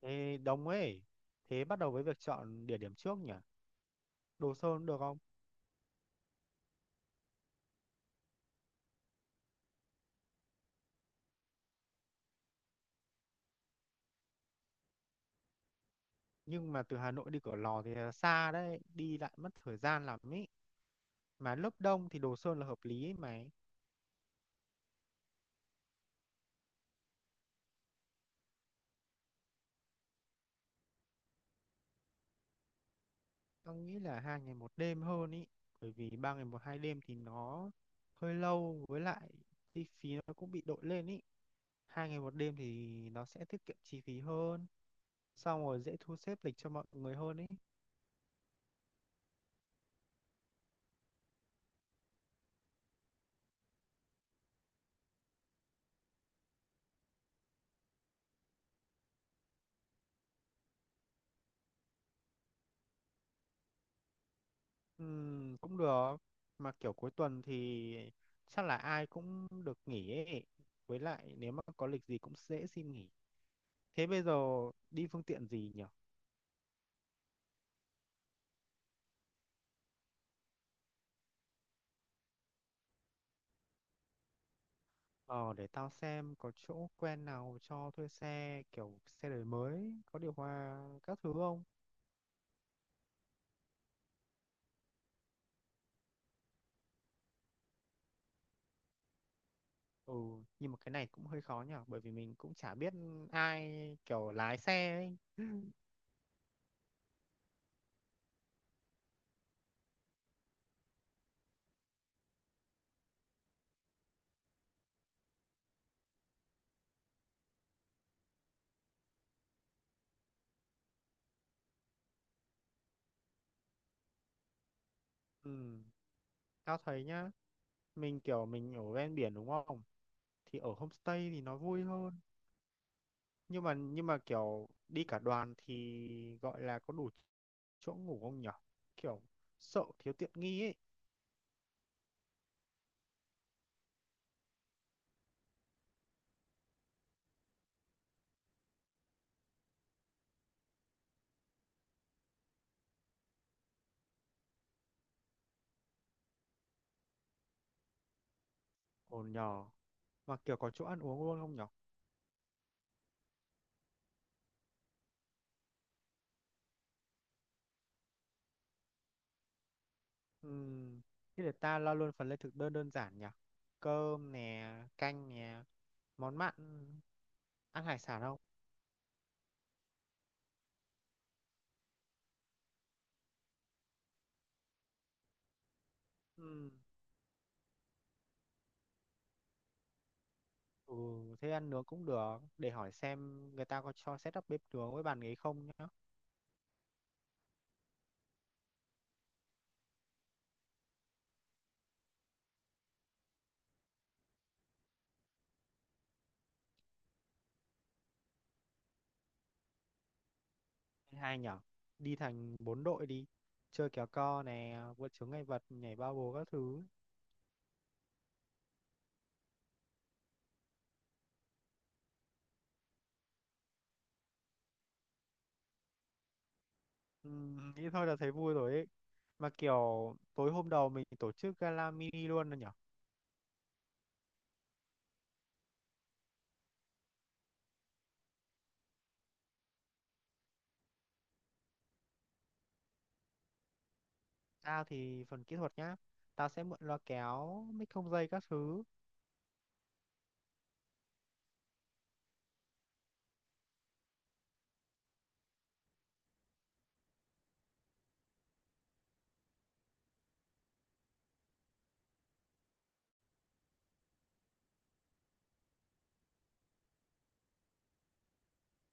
Ê, đông ấy. Thế bắt đầu với việc chọn địa điểm trước nhỉ? Đồ Sơn được không? Nhưng mà từ Hà Nội đi Cửa Lò thì là xa đấy, đi lại mất thời gian lắm ý. Mà lớp đông thì Đồ Sơn là hợp lý ấy mày. Tao nghĩ là 2 ngày 1 đêm hơn ý. Bởi vì 3 ngày 1 2 đêm thì nó hơi lâu với lại chi phí nó cũng bị đội lên ý. Hai ngày một đêm thì nó sẽ tiết kiệm chi phí hơn. Xong rồi dễ thu xếp lịch cho mọi người hơn ý. Cũng được mà kiểu cuối tuần thì chắc là ai cũng được nghỉ ấy, với lại nếu mà có lịch gì cũng dễ xin nghỉ. Thế bây giờ đi phương tiện gì nhỉ? Ờ để tao xem có chỗ quen nào cho thuê xe, kiểu xe đời mới có điều hòa các thứ không. Ừ, nhưng mà cái này cũng hơi khó nhỉ, bởi vì mình cũng chả biết ai kiểu lái xe ấy. Ừm. Tao thấy nhá, mình kiểu mình ở ven biển đúng không? Thì ở homestay thì nó vui hơn. Nhưng mà kiểu đi cả đoàn thì gọi là có đủ chỗ ngủ không nhở, kiểu sợ thiếu tiện nghi ấy. Ổn nhờ, mà kiểu có chỗ ăn uống luôn không nhở? Ừm, Thế để ta lo luôn phần lên thực đơn đơn giản nhở, cơm nè, canh nè, món mặn, ăn hải sản không? Ừm, ừ, thế ăn nướng cũng được, để hỏi xem người ta có cho set up bếp nướng với bàn ghế không nhá. Hai nhở, đi thành bốn đội đi, chơi kéo co nè, vượt chướng ngại vật, nhảy bao bố các thứ. Ừ, nghĩ thôi là thấy vui rồi ấy. Mà kiểu tối hôm đầu mình tổ chức gala mini luôn rồi nhở. Tao thì phần kỹ thuật nhá, tao sẽ mượn loa kéo, mic không dây các thứ.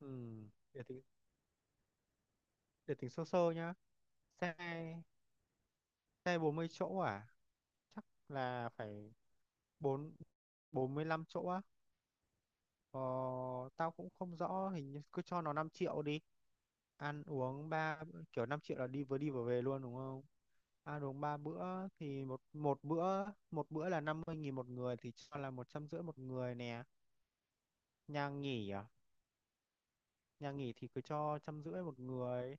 Ừ, để để tính sơ sơ nhá. Xe Xe 40 chỗ à? Chắc là phải bốn 45 chỗ. Ờ, tao cũng không rõ, hình như cứ cho nó 5 triệu đi. Ăn uống ba bữa- Kiểu 5 triệu là đi, vừa đi vừa về luôn đúng không? Ăn uống ba bữa thì một một bữa, một bữa là 50.000 một người thì cho là 150.000 một người nè. Nhà nghỉ à? Nhà nghỉ thì cứ cho 150.000 một người.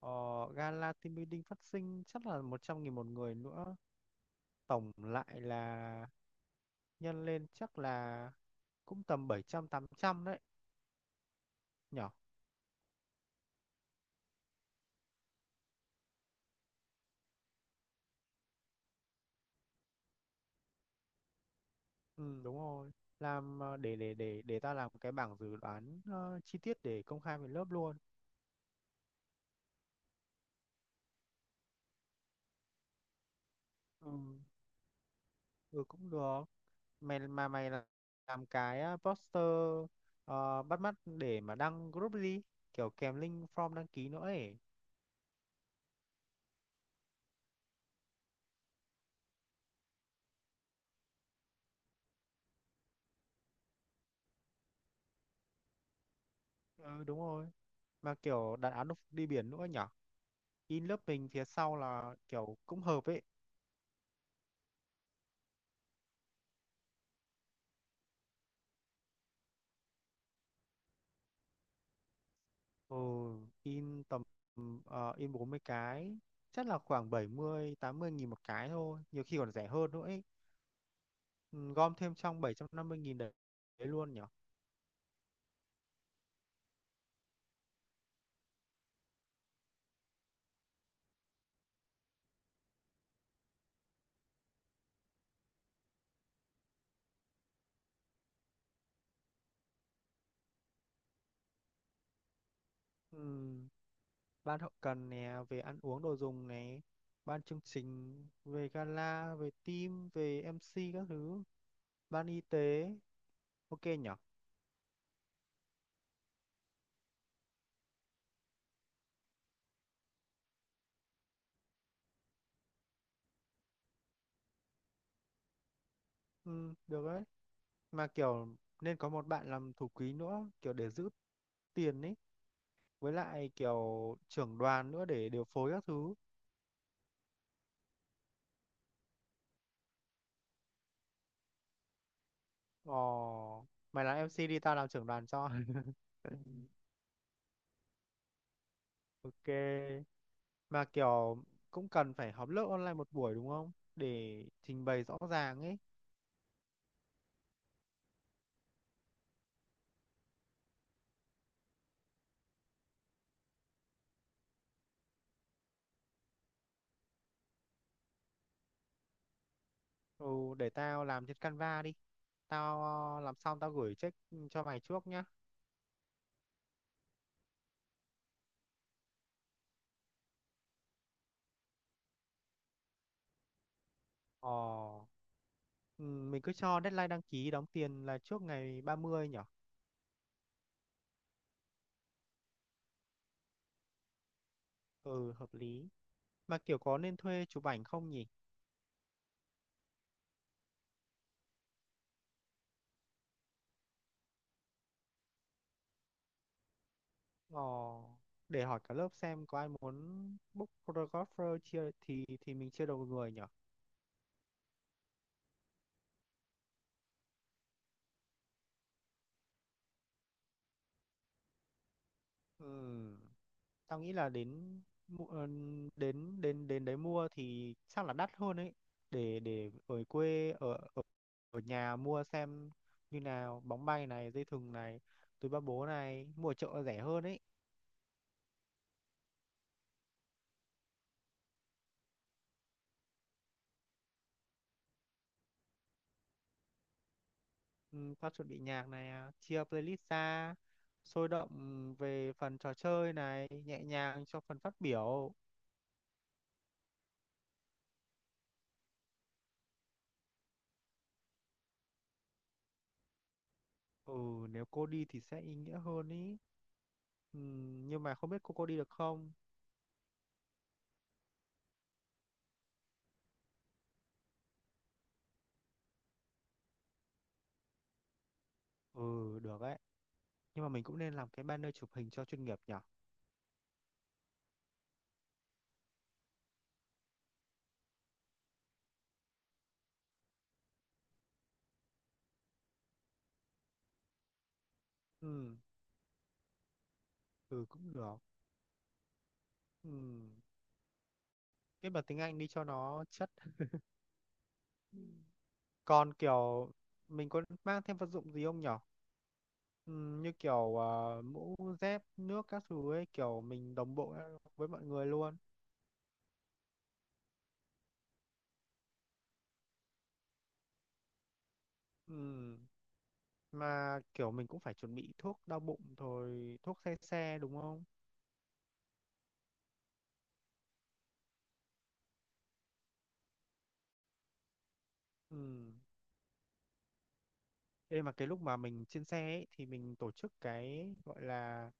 ờ, Gala team building phát sinh chắc là 100.000 một người nữa. Tổng lại là, nhân lên chắc là cũng tầm 700 800 đấy nhỉ. Ừ, đúng rồi. Làm ờ, để ta làm cái bảng dự đoán chi tiết để công khai về lớp luôn. Ừ, ừ cũng được. Mày mà mày là- Làm cái poster bắt mắt để mà đăng group đi, kiểu kèm link form đăng ký nữa ấy. Ừ đúng rồi. Mà kiểu đặt áo đi biển nữa nhở. In lớp mình phía sau là kiểu cũng hợp ấy. Ừ, in tầm in 40 cái, chắc là khoảng 70 80.000 một cái thôi, nhiều khi còn rẻ hơn nữa ấy. Ừ, gom thêm trong 750.000 đấy, đấy luôn nhỉ? Ừ, ban hậu cần nè, về ăn uống đồ dùng này, ban chương trình, về gala, về team, về MC các thứ, ban y tế, ok nhỉ? Ừ, được đấy. Mà kiểu nên có một bạn làm thủ quỹ nữa, kiểu để giữ tiền ấy, với lại kiểu trưởng đoàn nữa để điều phối các thứ. Ồ, mày làm MC đi, tao làm trưởng đoàn cho. Ok. Mà kiểu cũng cần phải họp lớp online một buổi đúng không, để trình bày rõ ràng ấy. Ừ, để tao làm trên Canva đi. tao làm xong tao gửi check, ừ, cho mày trước nhá. Ờ, ừ, mình cứ cho deadline đăng ký đóng tiền là trước ngày 30 nhở. Ừ hợp lý. Mà kiểu có nên thuê chụp ảnh không nhỉ? Ờ, để hỏi cả lớp xem có ai muốn book photographer, chia thì mình chia đầu người nhở. Ừ, tao nghĩ là đến mu- ờ, đến đến đến đấy mua thì chắc là đắt hơn ấy. Để ở quê ở ở, ở nhà mua xem như nào, bóng bay này, dây thừng này, túi ba bố này, mua ở chợ rẻ hơn ấy. Ừ, tao chuẩn bị nhạc này à, chia playlist ra, sôi động về phần trò chơi này, nhẹ nhàng cho phần phát biểu. Ừ nếu cô đi thì sẽ ý nghĩa hơn ý. Ừ, nhưng mà không biết cô đi được không. Ừ được đấy. Nhưng mà mình cũng nên làm cái banner chụp hình cho chuyên nghiệp nhỉ? Ừ, ừ cũng được. Ừ. Viết bằng tiếng Anh đi cho nó chất. Ừ. Còn kiểu mình có mang thêm vật dụng gì không nhỉ? Ừ, như kiểu mũ, dép, nước các thứ ấy, kiểu mình đồng bộ với mọi người luôn. Ừ. Mà kiểu mình cũng phải chuẩn bị thuốc đau bụng rồi thuốc xe xe đúng không? Ừ. Ê, mà cái lúc mà mình trên xe ấy, thì mình tổ chức cái gọi là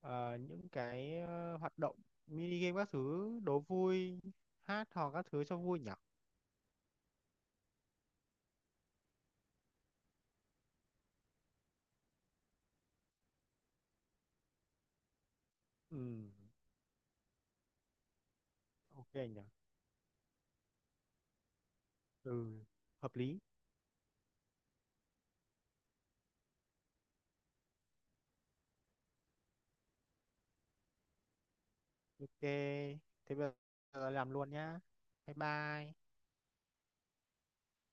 hoạt động mini game các thứ, đố vui, hát hò các thứ cho vui nhỉ. Ừ. Ok nhỉ. Ừ hợp lý. Ok thế bây giờ làm luôn nhá. Bye bye.